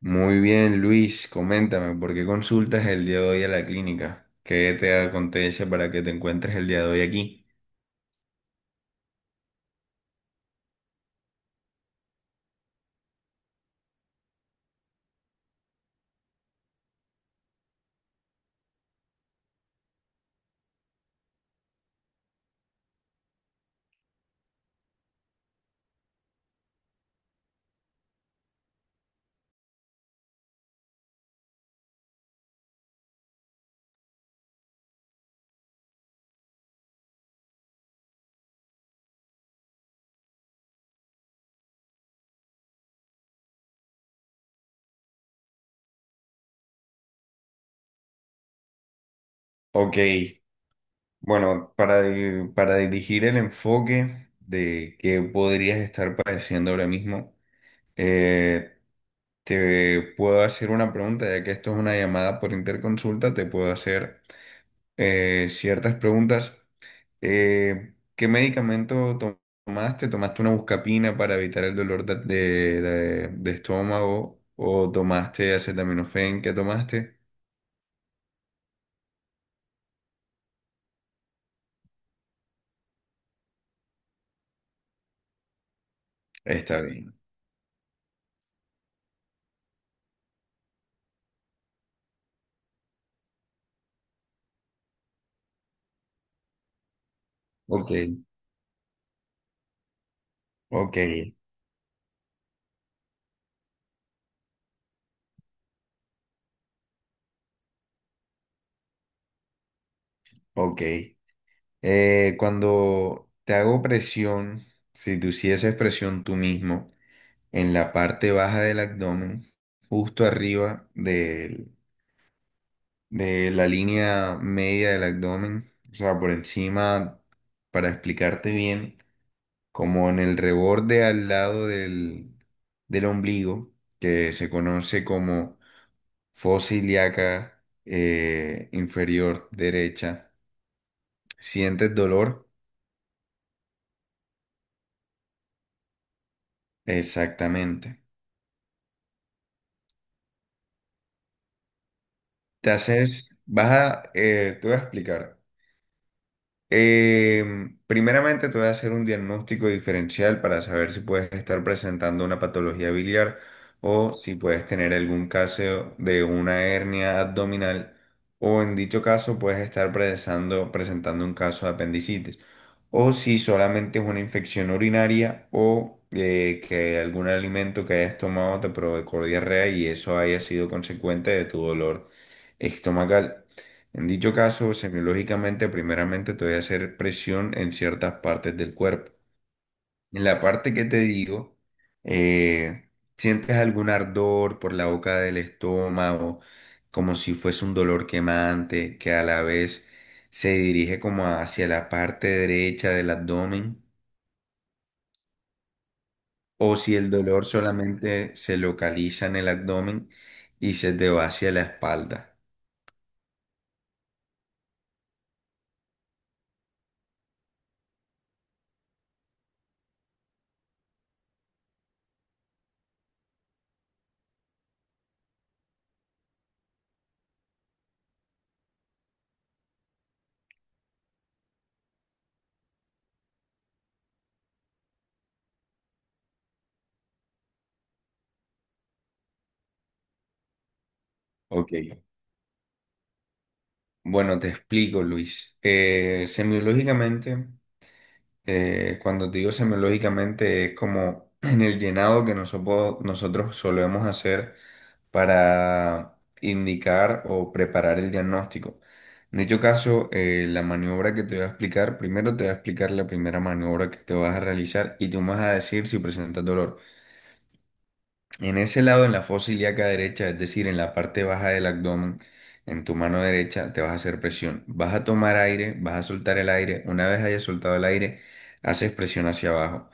Muy bien, Luis, coméntame, ¿por qué consultas el día de hoy a la clínica? ¿Qué te acontece para que te encuentres el día de hoy aquí? Ok, bueno, para dirigir el enfoque de qué podrías estar padeciendo ahora mismo, eh, te puedo hacer una pregunta, ya que esto es una llamada por interconsulta, te puedo hacer ciertas preguntas. ¿Qué tomaste? ¿Tomaste una buscapina para evitar el dolor de estómago? ¿O tomaste acetaminofén? ¿Qué tomaste? Está bien. Ok, ok, ok. Cuando te hago presión, si tú hicieses presión tú mismo en la parte baja del abdomen, justo arriba de la línea media del abdomen, o sea, por encima, para explicarte bien, como en el reborde del ombligo, que se conoce como fosa ilíaca inferior derecha. ¿Sientes dolor? Exactamente. Te voy a explicar. Eh, primeramente te voy a hacer un diagnóstico diferencial para saber si puedes estar presentando una patología biliar o si puedes tener algún caso de una hernia abdominal o en dicho caso puedes estar presentando un caso de apendicitis o si solamente es una infección urinaria o que algún alimento que hayas tomado te provocó diarrea y eso haya sido consecuente de tu dolor estomacal. En dicho caso, semiológicamente, primeramente te voy a hacer presión en ciertas partes del cuerpo. En la parte que te digo, eh, sientes algún ardor por la boca del estómago, como si fuese un dolor quemante, que a la vez se dirige como hacia la parte derecha del abdomen, o si el dolor solamente se localiza en el abdomen y se te va hacia la espalda. Ok. Bueno, te explico, Luis. Semiológicamente. Cuando te digo semiológicamente es como en el llenado que nosotros solemos hacer para indicar o preparar el diagnóstico. En dicho caso, la maniobra que te voy a explicar, primero te voy a explicar la primera maniobra que te vas a realizar y tú me vas a decir si presentas dolor. En ese lado, en la fosa ilíaca derecha, es decir, en la parte baja del abdomen, en tu mano derecha, te vas a hacer presión. Vas a tomar aire, vas a soltar el aire. Una vez hayas soltado el aire, haces presión hacia abajo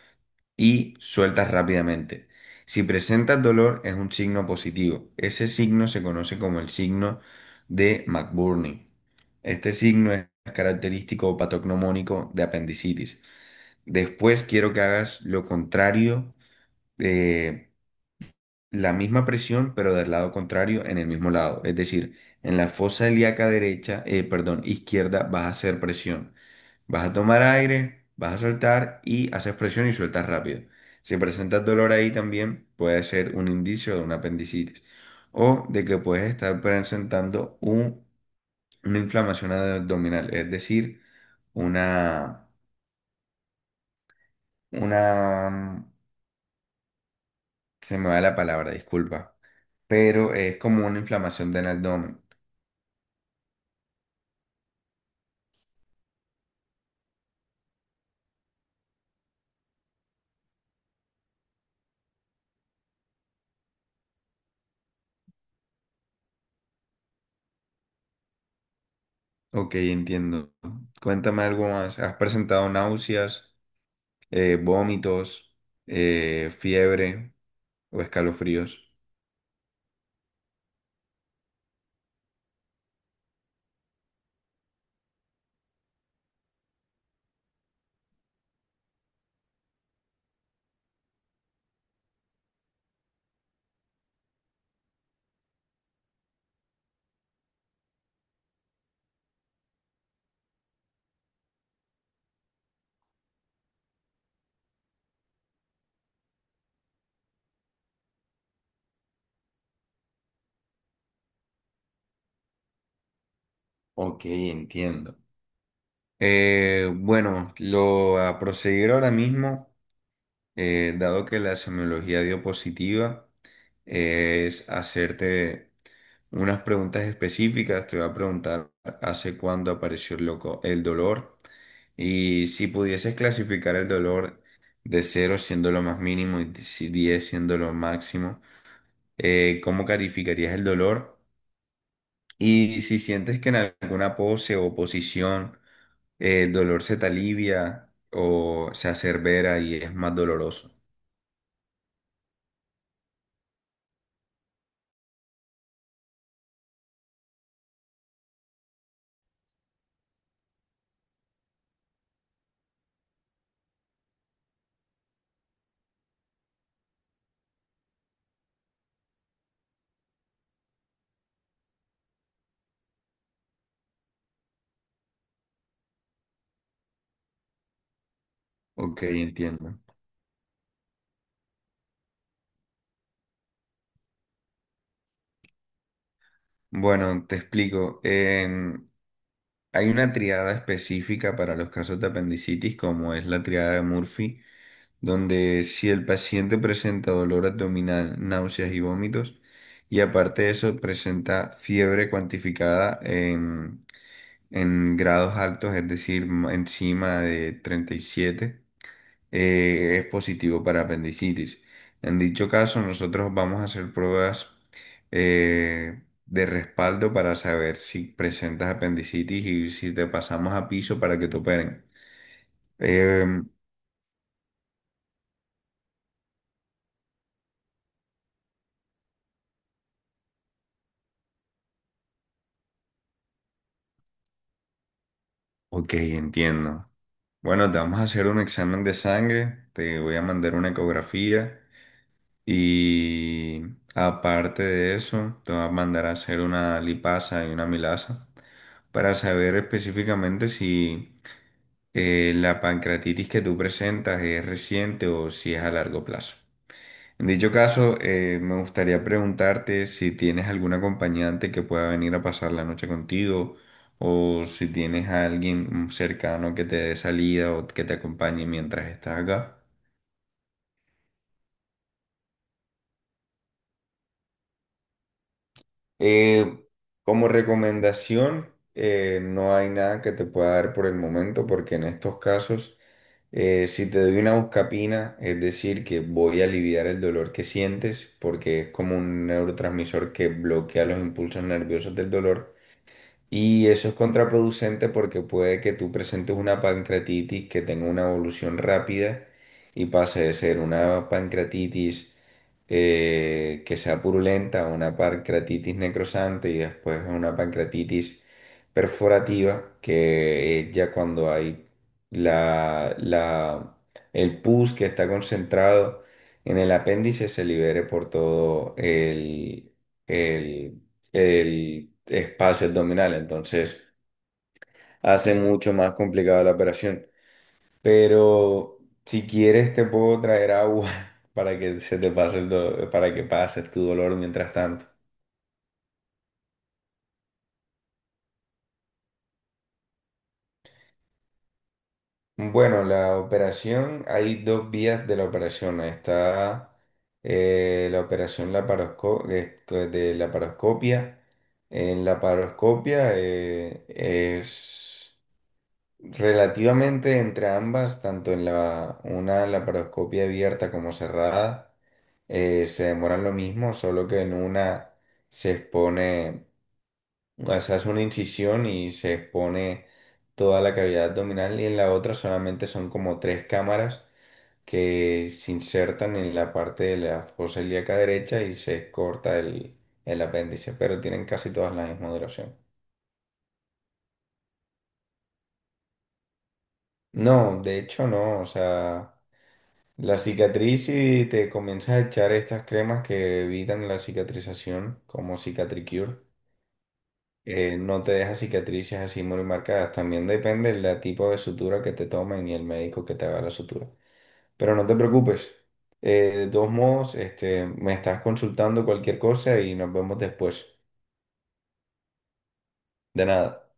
y sueltas rápidamente. Si presentas dolor, es un signo positivo. Ese signo se conoce como el signo de McBurney. Este signo es característico o patognomónico de apendicitis. Después quiero que hagas lo contrario. eh, la misma presión, pero del lado contrario, en el mismo lado. Es decir, en la fosa ilíaca derecha, perdón, izquierda, vas a hacer presión. Vas a tomar aire, vas a soltar y haces presión y sueltas rápido. Si presentas dolor ahí también, puede ser un indicio de una apendicitis o de que puedes estar una inflamación abdominal, es decir, una, una, mm, se me va la palabra, disculpa, pero es como una inflamación del abdomen. Ok, entiendo. Cuéntame algo más. ¿Has presentado náuseas, vómitos, fiebre o escalofríos? Ok, entiendo. Bueno, lo a proseguir ahora mismo. Dado que la semiología dio positiva, es hacerte unas preguntas específicas. Te voy a preguntar hace cuándo apareció el dolor y si pudieses clasificar el dolor de 0 siendo lo más mínimo y si 10 siendo lo máximo, ¿cómo calificarías el dolor? Y si sientes que en alguna pose o posición el dolor se te alivia o se acerbera y es más doloroso. Ok, entiendo. Bueno, te explico. Hay una triada específica para los casos de apendicitis, como es la triada de Murphy, donde si el paciente presenta dolor abdominal, náuseas y vómitos, y aparte de eso presenta fiebre cuantificada en grados altos, es decir, encima de 37 es positivo para apendicitis. En dicho caso, nosotros vamos a hacer pruebas de respaldo para saber si presentas apendicitis y si te pasamos a piso para que te operen. Em, ok, entiendo. Bueno, te vamos a hacer un examen de sangre, te voy a mandar una ecografía y aparte de eso, te voy a mandar a hacer una lipasa y una milasa para saber específicamente si la pancreatitis que tú presentas es reciente o si es a largo plazo. En dicho caso, me gustaría preguntarte si tienes algún acompañante que pueda venir a pasar la noche contigo o si tienes a alguien cercano que te dé salida o que te acompañe mientras estás acá. Eh, como recomendación, no hay nada que te pueda dar por el momento, porque en estos casos, si te doy una buscapina, es decir, que voy a aliviar el dolor que sientes, porque es como un neurotransmisor que bloquea los impulsos nerviosos del dolor. Y eso es contraproducente porque puede que tú presentes una pancreatitis que tenga una evolución rápida y pase de ser una pancreatitis que sea purulenta a una pancreatitis necrosante y después a una pancreatitis perforativa, que es ya cuando hay la, la- el pus que está concentrado en el apéndice se libere por todo el espacio abdominal, entonces hace mucho más complicada la operación. Pero si quieres te puedo traer agua para que se te pase para que pases tu dolor mientras tanto. Bueno, la operación, hay dos vías de la operación. Está la operación de laparoscopia. En la laparoscopia es relativamente entre ambas, tanto en la una laparoscopia abierta como cerrada, se demoran lo mismo, solo que en una se expone, o sea, hace una incisión y se expone toda la cavidad abdominal y en la otra solamente son como tres cámaras que se insertan en la parte de la fosa ilíaca derecha y se corta el apéndice, pero tienen casi todas la misma duración. No, de hecho no, o sea... La cicatriz y te comienzas a echar estas cremas que evitan la cicatrización, como Cicatricure, no te deja cicatrices así muy marcadas. También depende del tipo de sutura que te tomen y el médico que te haga la sutura. Pero no te preocupes. De todos modos, este, me estás consultando cualquier cosa y nos vemos después. De nada.